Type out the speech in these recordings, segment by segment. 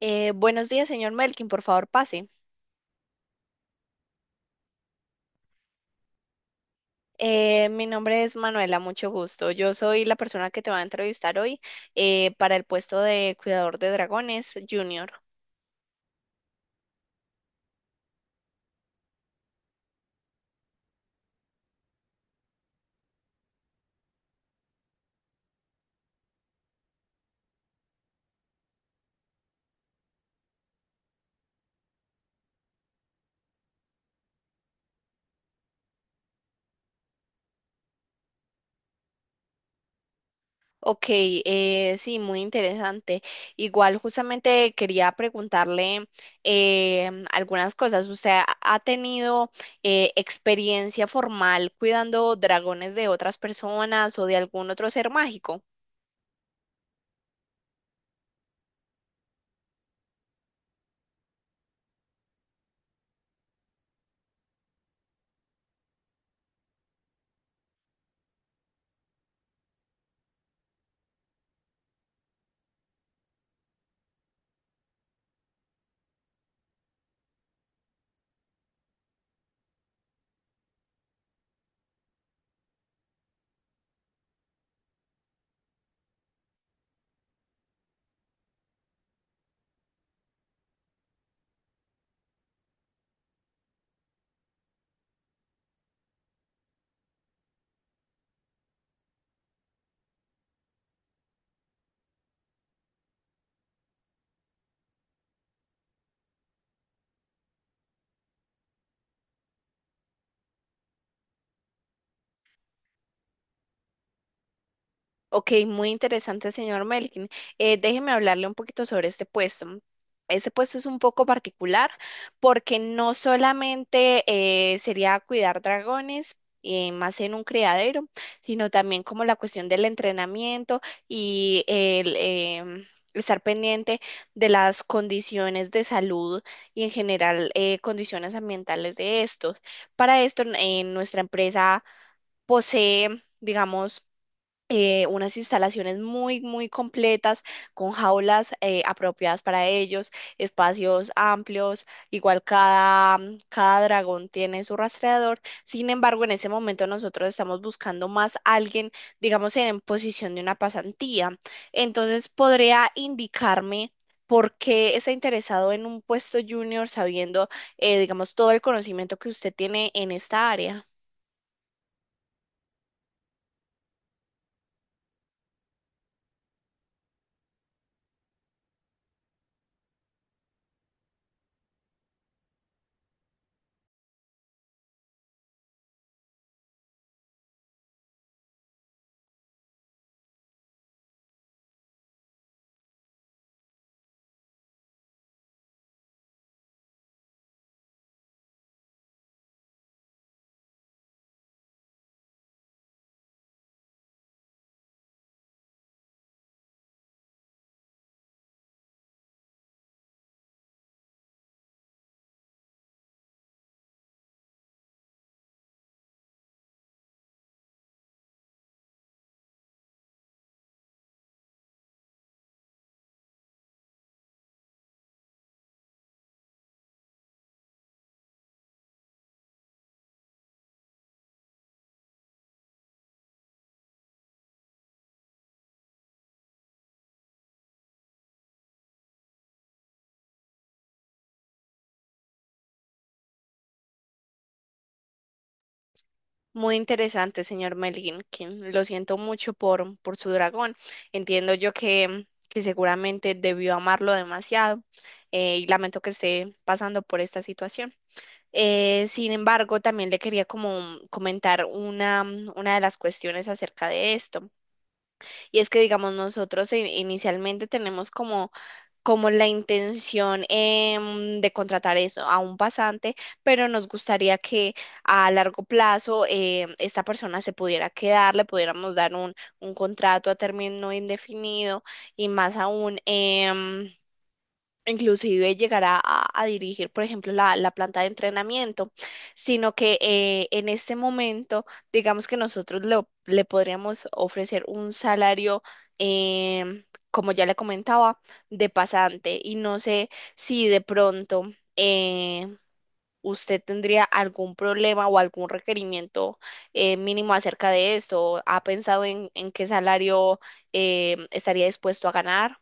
Buenos días, señor Melkin, por favor, pase. Mi nombre es Manuela, mucho gusto. Yo soy la persona que te va a entrevistar hoy para el puesto de cuidador de dragones junior. Ok, sí, muy interesante. Igual justamente quería preguntarle algunas cosas. ¿Usted ha tenido experiencia formal cuidando dragones de otras personas o de algún otro ser mágico? Ok, muy interesante, señor Melkin. Déjeme hablarle un poquito sobre este puesto. Este puesto es un poco particular porque no solamente sería cuidar dragones, más en un criadero, sino también como la cuestión del entrenamiento y el estar pendiente de las condiciones de salud y en general condiciones ambientales de estos. Para esto, nuestra empresa posee, digamos, unas instalaciones muy, muy completas, con jaulas apropiadas para ellos, espacios amplios, igual cada, cada dragón tiene su rastreador. Sin embargo, en ese momento nosotros estamos buscando más alguien, digamos, en posición de una pasantía. Entonces, ¿podría indicarme? ¿Por qué está interesado en un puesto junior sabiendo, digamos, todo el conocimiento que usted tiene en esta área? Muy interesante, señor Melinkin. Lo siento mucho por su dragón. Entiendo yo que seguramente debió amarlo demasiado y lamento que esté pasando por esta situación. Sin embargo, también le quería como comentar una de las cuestiones acerca de esto. Y es que, digamos, nosotros inicialmente tenemos como como la intención de contratar eso a un pasante, pero nos gustaría que a largo plazo esta persona se pudiera quedar, le pudiéramos dar un contrato a término indefinido y más aún. Inclusive llegará a dirigir, por ejemplo, la planta de entrenamiento, sino que en este momento, digamos que nosotros le podríamos ofrecer un salario, em, como ya le comentaba, de pasante. Y no sé si de pronto eh, usted tendría algún problema o algún requerimiento mínimo acerca de esto. ¿Ha pensado en qué salario estaría dispuesto a ganar?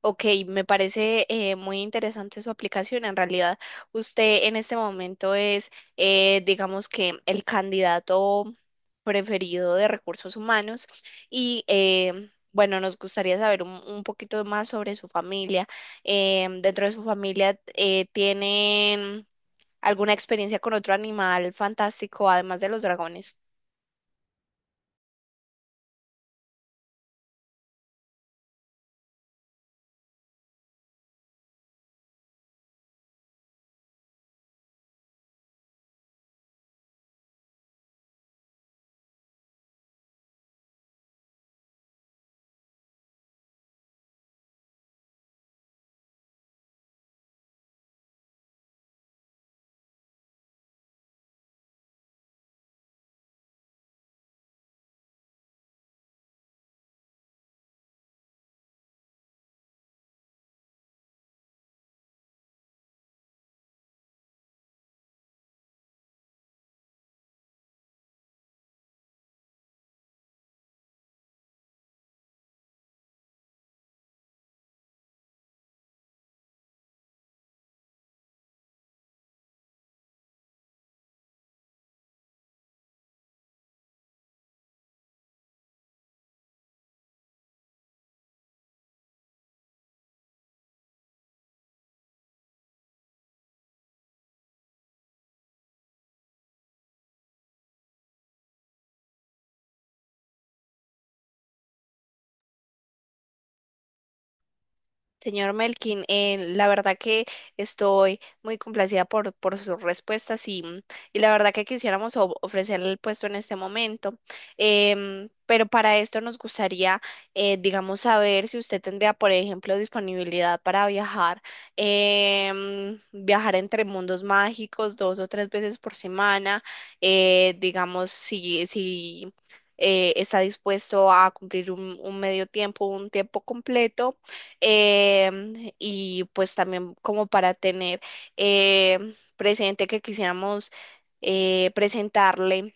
Ok, me parece muy interesante su aplicación. En realidad, usted en este momento es, digamos que, el candidato preferido de recursos humanos y, bueno, nos gustaría saber un poquito más sobre su familia. Dentro de su familia, ¿tienen alguna experiencia con otro animal fantástico, además de los dragones? Señor Melkin, la verdad que estoy muy complacida por sus respuestas y, y la verdad que quisiéramos ofrecerle el puesto en este momento. Pero para esto nos gustaría, digamos, saber si usted tendría, por ejemplo, disponibilidad para viajar, viajar entre mundos mágicos dos o tres veces por semana, digamos, si, si está dispuesto a cumplir un medio tiempo, un tiempo completo y pues también como para tener presente que quisiéramos presentarle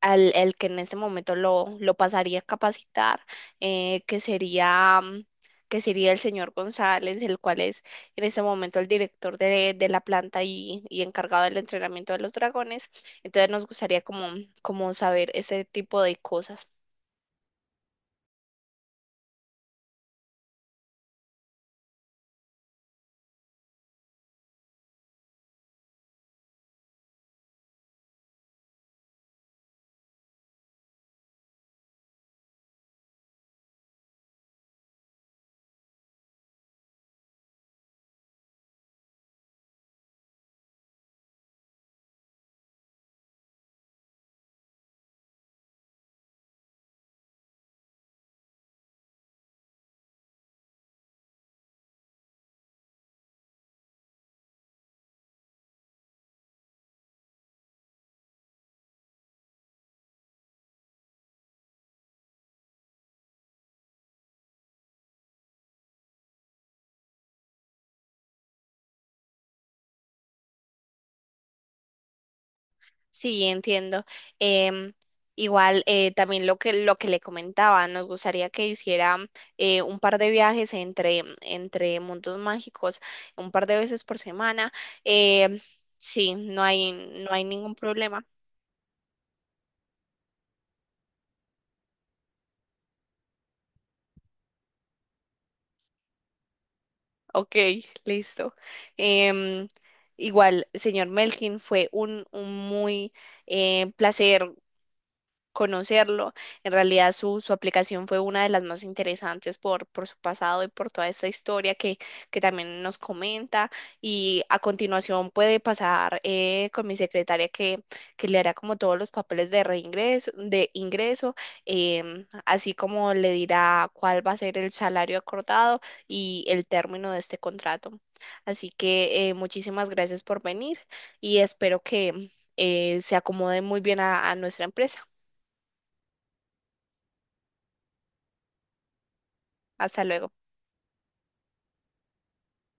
al el que en este momento lo pasaría a capacitar, que sería, que sería el señor González, el cual es en este momento el director de la planta y encargado del entrenamiento de los dragones. Entonces nos gustaría como, como saber ese tipo de cosas. Sí, entiendo. Em, igual también lo que le comentaba, nos gustaría que hiciera un par de viajes entre mundos mágicos, un par de veces por semana. Em, sí, no hay no hay ningún problema. Ok, listo. Em, igual, señor Melkin, fue un muy placer conocerlo. En realidad su, su aplicación fue una de las más interesantes por su pasado y por toda esta historia que también nos comenta. Y a continuación puede pasar con mi secretaria que le hará como todos los papeles de reingreso, de ingreso, así como le dirá cuál va a ser el salario acordado y el término de este contrato. Así que muchísimas gracias por venir y espero que se acomode muy bien a nuestra empresa. Hasta luego.